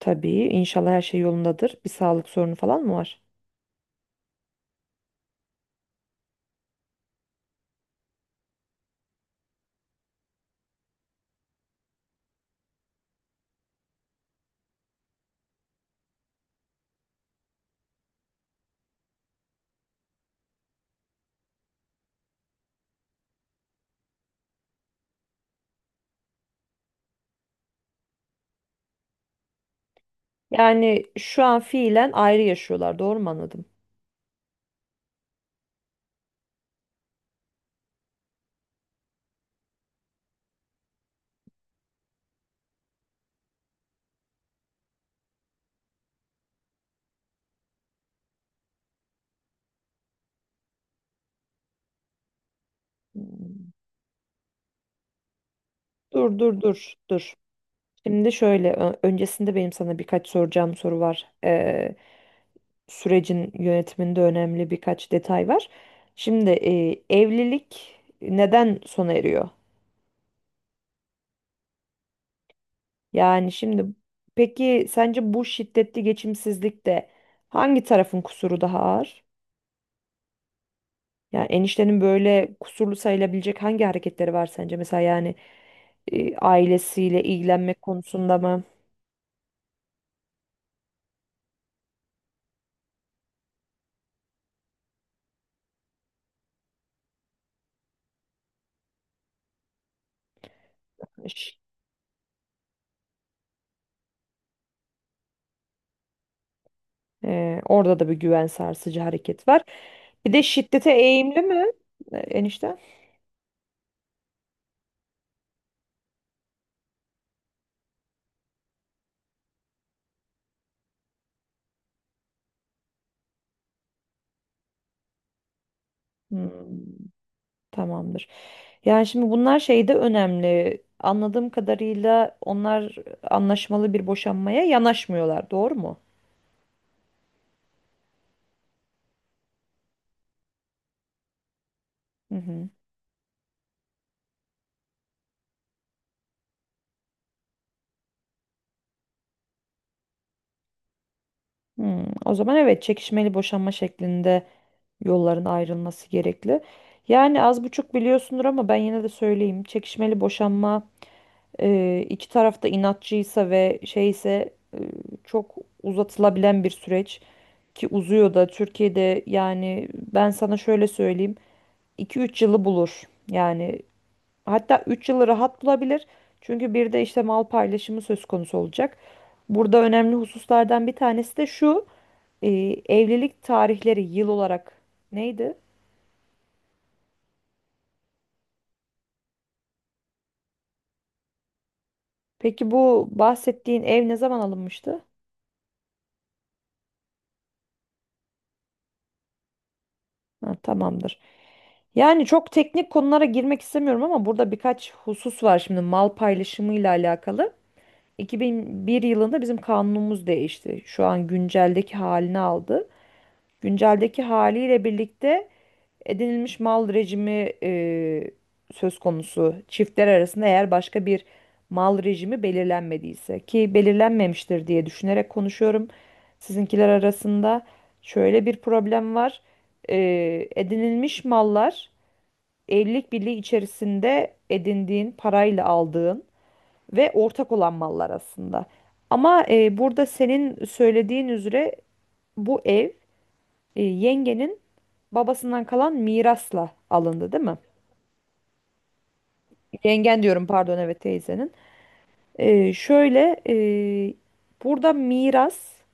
Tabii inşallah her şey yolundadır. Bir sağlık sorunu falan mı var? Yani şu an fiilen ayrı yaşıyorlar, doğru mu anladım? Hmm. Dur dur dur dur. Şimdi şöyle öncesinde benim sana birkaç soracağım soru var. Sürecin yönetiminde önemli birkaç detay var. Şimdi evlilik neden sona eriyor? Yani şimdi peki sence bu şiddetli geçimsizlikte hangi tarafın kusuru daha ağır? Ya eniştenin böyle kusurlu sayılabilecek hangi hareketleri var sence? Mesela yani ailesiyle ilgilenmek konusunda mı? Ş- orada da bir güven sarsıcı hareket var. Bir de şiddete eğimli mi enişte? Hmm, tamamdır. Yani şimdi bunlar şey de önemli. Anladığım kadarıyla onlar anlaşmalı bir boşanmaya yanaşmıyorlar, doğru mu? Hı hı. Hmm, o zaman evet çekişmeli boşanma şeklinde yolların ayrılması gerekli. Yani az buçuk biliyorsundur ama ben yine de söyleyeyim. Çekişmeli boşanma, iki tarafta inatçıysa ve şeyse, çok uzatılabilen bir süreç, ki uzuyor da Türkiye'de. Yani ben sana şöyle söyleyeyim, 2-3 yılı bulur. Yani hatta 3 yılı rahat bulabilir. Çünkü bir de işte mal paylaşımı söz konusu olacak. Burada önemli hususlardan bir tanesi de şu: e, evlilik tarihleri yıl olarak neydi? Peki bu bahsettiğin ev ne zaman alınmıştı? Ha, tamamdır. Yani çok teknik konulara girmek istemiyorum ama burada birkaç husus var şimdi mal paylaşımıyla alakalı. 2001 yılında bizim kanunumuz değişti. Şu an günceldeki halini aldı. Günceldeki haliyle birlikte edinilmiş mal rejimi, söz konusu çiftler arasında eğer başka bir mal rejimi belirlenmediyse, ki belirlenmemiştir diye düşünerek konuşuyorum. Sizinkiler arasında şöyle bir problem var. Edinilmiş mallar, evlilik birliği içerisinde edindiğin parayla aldığın ve ortak olan mallar aslında. Ama burada senin söylediğin üzere bu ev yengenin babasından kalan mirasla alındı, değil mi? Yengen diyorum, pardon, evet teyzenin. Şöyle, burada miras,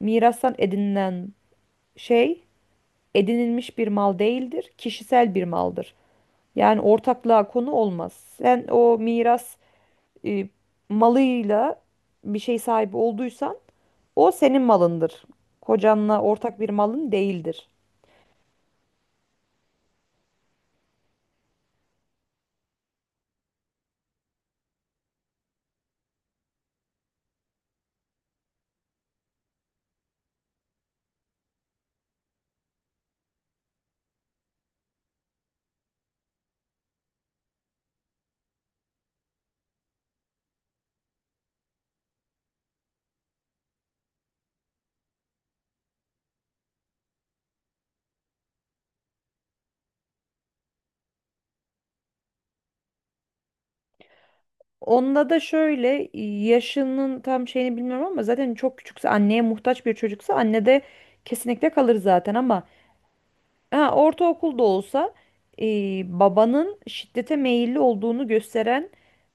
mirastan edinilen şey edinilmiş bir mal değildir, kişisel bir maldır. Yani ortaklığa konu olmaz. Sen o miras e, malıyla bir şey sahibi olduysan o senin malındır. Kocanla ortak bir malın değildir. Onunla da şöyle, yaşının tam şeyini bilmiyorum ama zaten çok küçükse, anneye muhtaç bir çocuksa, anne de kesinlikle kalır zaten. Ama Ha, ortaokulda olsa e, babanın şiddete meyilli olduğunu gösteren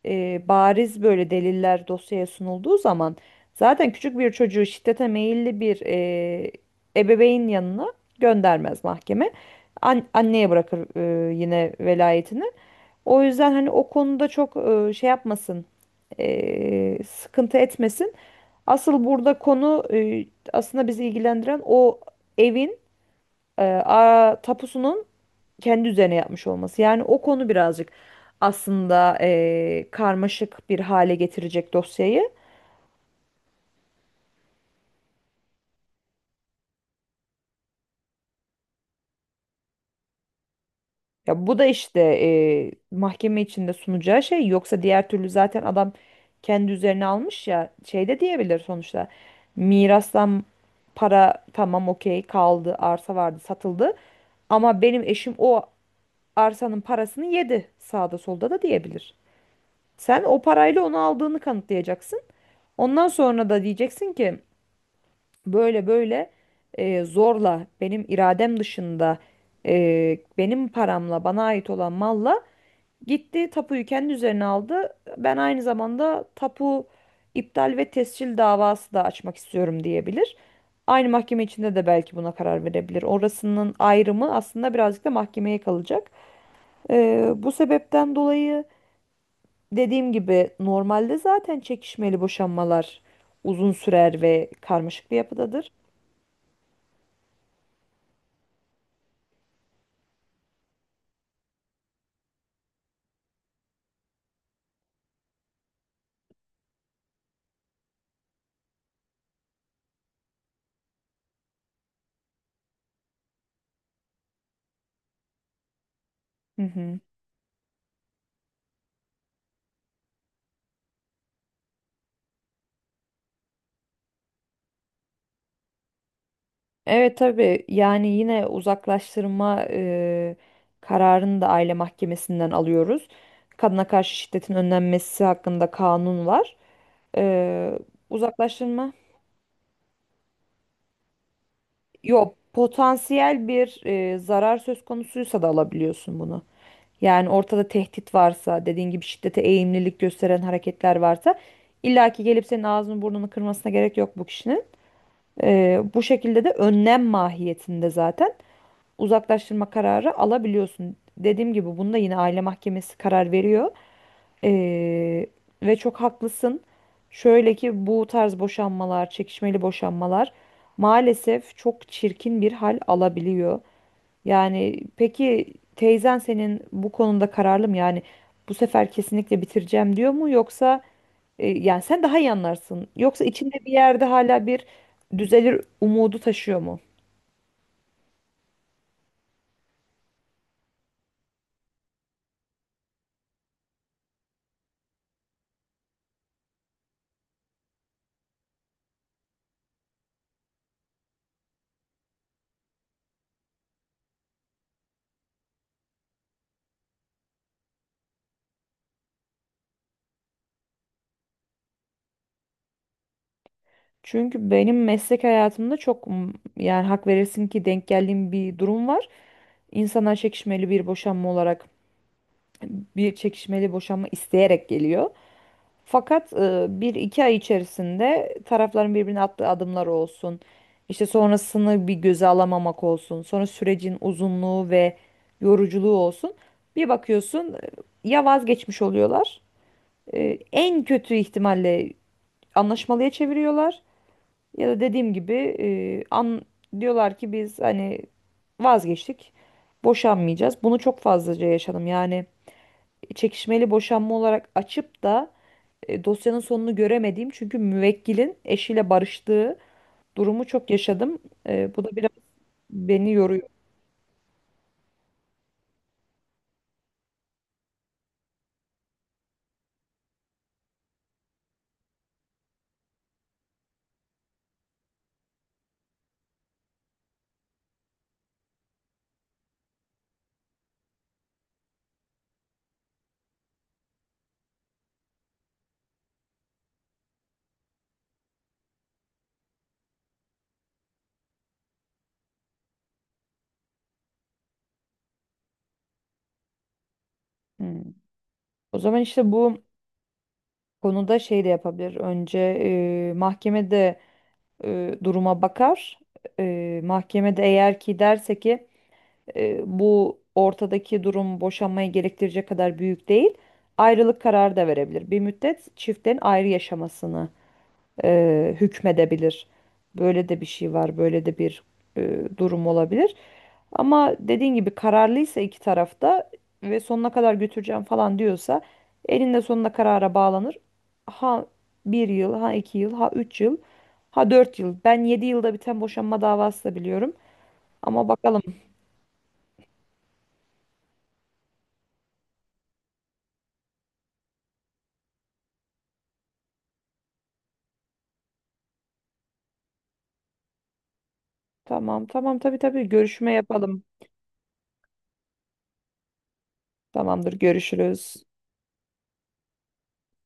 bariz böyle deliller dosyaya sunulduğu zaman, zaten küçük bir çocuğu şiddete meyilli bir ebeveyn yanına göndermez mahkeme. Anneye bırakır yine velayetini. O yüzden hani o konuda çok şey yapmasın, sıkıntı etmesin. Asıl burada konu, aslında bizi ilgilendiren, o evin tapusunun kendi üzerine yapmış olması. Yani o konu birazcık aslında karmaşık bir hale getirecek dosyayı. Ya bu da işte mahkeme içinde sunacağı şey. Yoksa diğer türlü zaten adam kendi üzerine almış, ya şey de diyebilir sonuçta. Mirastan para tamam, okey, kaldı. Arsa vardı, satıldı, ama benim eşim o arsanın parasını yedi sağda solda da diyebilir. Sen o parayla onu aldığını kanıtlayacaksın. Ondan sonra da diyeceksin ki böyle böyle, zorla, benim iradem dışında, benim paramla bana ait olan malla gitti tapuyu kendi üzerine aldı. Ben aynı zamanda tapu iptal ve tescil davası da açmak istiyorum, diyebilir. Aynı mahkeme içinde de belki buna karar verebilir. Orasının ayrımı aslında birazcık da mahkemeye kalacak. Bu sebepten dolayı, dediğim gibi, normalde zaten çekişmeli boşanmalar uzun sürer ve karmaşık bir yapıdadır. Hı hı. Evet, tabii, yani yine uzaklaştırma kararını da aile mahkemesinden alıyoruz. Kadına karşı şiddetin önlenmesi hakkında kanun var. E, Uzaklaştırma. Yok, potansiyel bir zarar söz konusuysa da alabiliyorsun bunu. Yani ortada tehdit varsa, dediğin gibi şiddete eğimlilik gösteren hareketler varsa, illaki gelip senin ağzını burnunu kırmasına gerek yok bu kişinin. Bu şekilde de önlem mahiyetinde zaten uzaklaştırma kararı alabiliyorsun. Dediğim gibi, bunda yine aile mahkemesi karar veriyor. Ee, ve çok haklısın. Şöyle ki bu tarz boşanmalar, çekişmeli boşanmalar maalesef çok çirkin bir hal alabiliyor. Yani peki teyzen senin bu konuda kararlı mı? Yani bu sefer kesinlikle bitireceğim diyor mu, yoksa yani sen daha iyi anlarsın. Yoksa içinde bir yerde hala bir düzelir umudu taşıyor mu? Çünkü benim meslek hayatımda çok yani, hak verirsin ki, denk geldiğim bir durum var. İnsanlar çekişmeli bir boşanma olarak bir çekişmeli boşanma isteyerek geliyor. Fakat 1-2 ay içerisinde, tarafların birbirine attığı adımlar olsun, İşte sonrasını bir göze alamamak olsun, sonra sürecin uzunluğu ve yoruculuğu olsun, bir bakıyorsun ya vazgeçmiş oluyorlar. En kötü ihtimalle anlaşmalıya çeviriyorlar, ya da dediğim gibi e, an diyorlar ki biz hani vazgeçtik, boşanmayacağız. Bunu çok fazlaca yaşadım. Yani çekişmeli boşanma olarak açıp da dosyanın sonunu göremediğim, çünkü müvekkilin eşiyle barıştığı durumu, çok yaşadım. Bu da biraz beni yoruyor. Hmm. O zaman işte bu konuda şey de yapabilir. Önce mahkemede duruma bakar. Mahkemede eğer ki derse ki bu ortadaki durum boşanmayı gerektirecek kadar büyük değil, ayrılık kararı da verebilir. Bir müddet çiftlerin ayrı yaşamasını hükmedebilir. Böyle de bir şey var, böyle de bir durum olabilir. Ama dediğin gibi kararlıysa iki tarafta ve sonuna kadar götüreceğim falan diyorsa, elinde sonunda karara bağlanır. Ha 1 yıl, ha 2 yıl, ha 3 yıl, ha 4 yıl. Ben 7 yılda biten boşanma davası da biliyorum. Ama bakalım. Tamam tamam, tabii tabii, görüşme yapalım. Tamamdır, görüşürüz.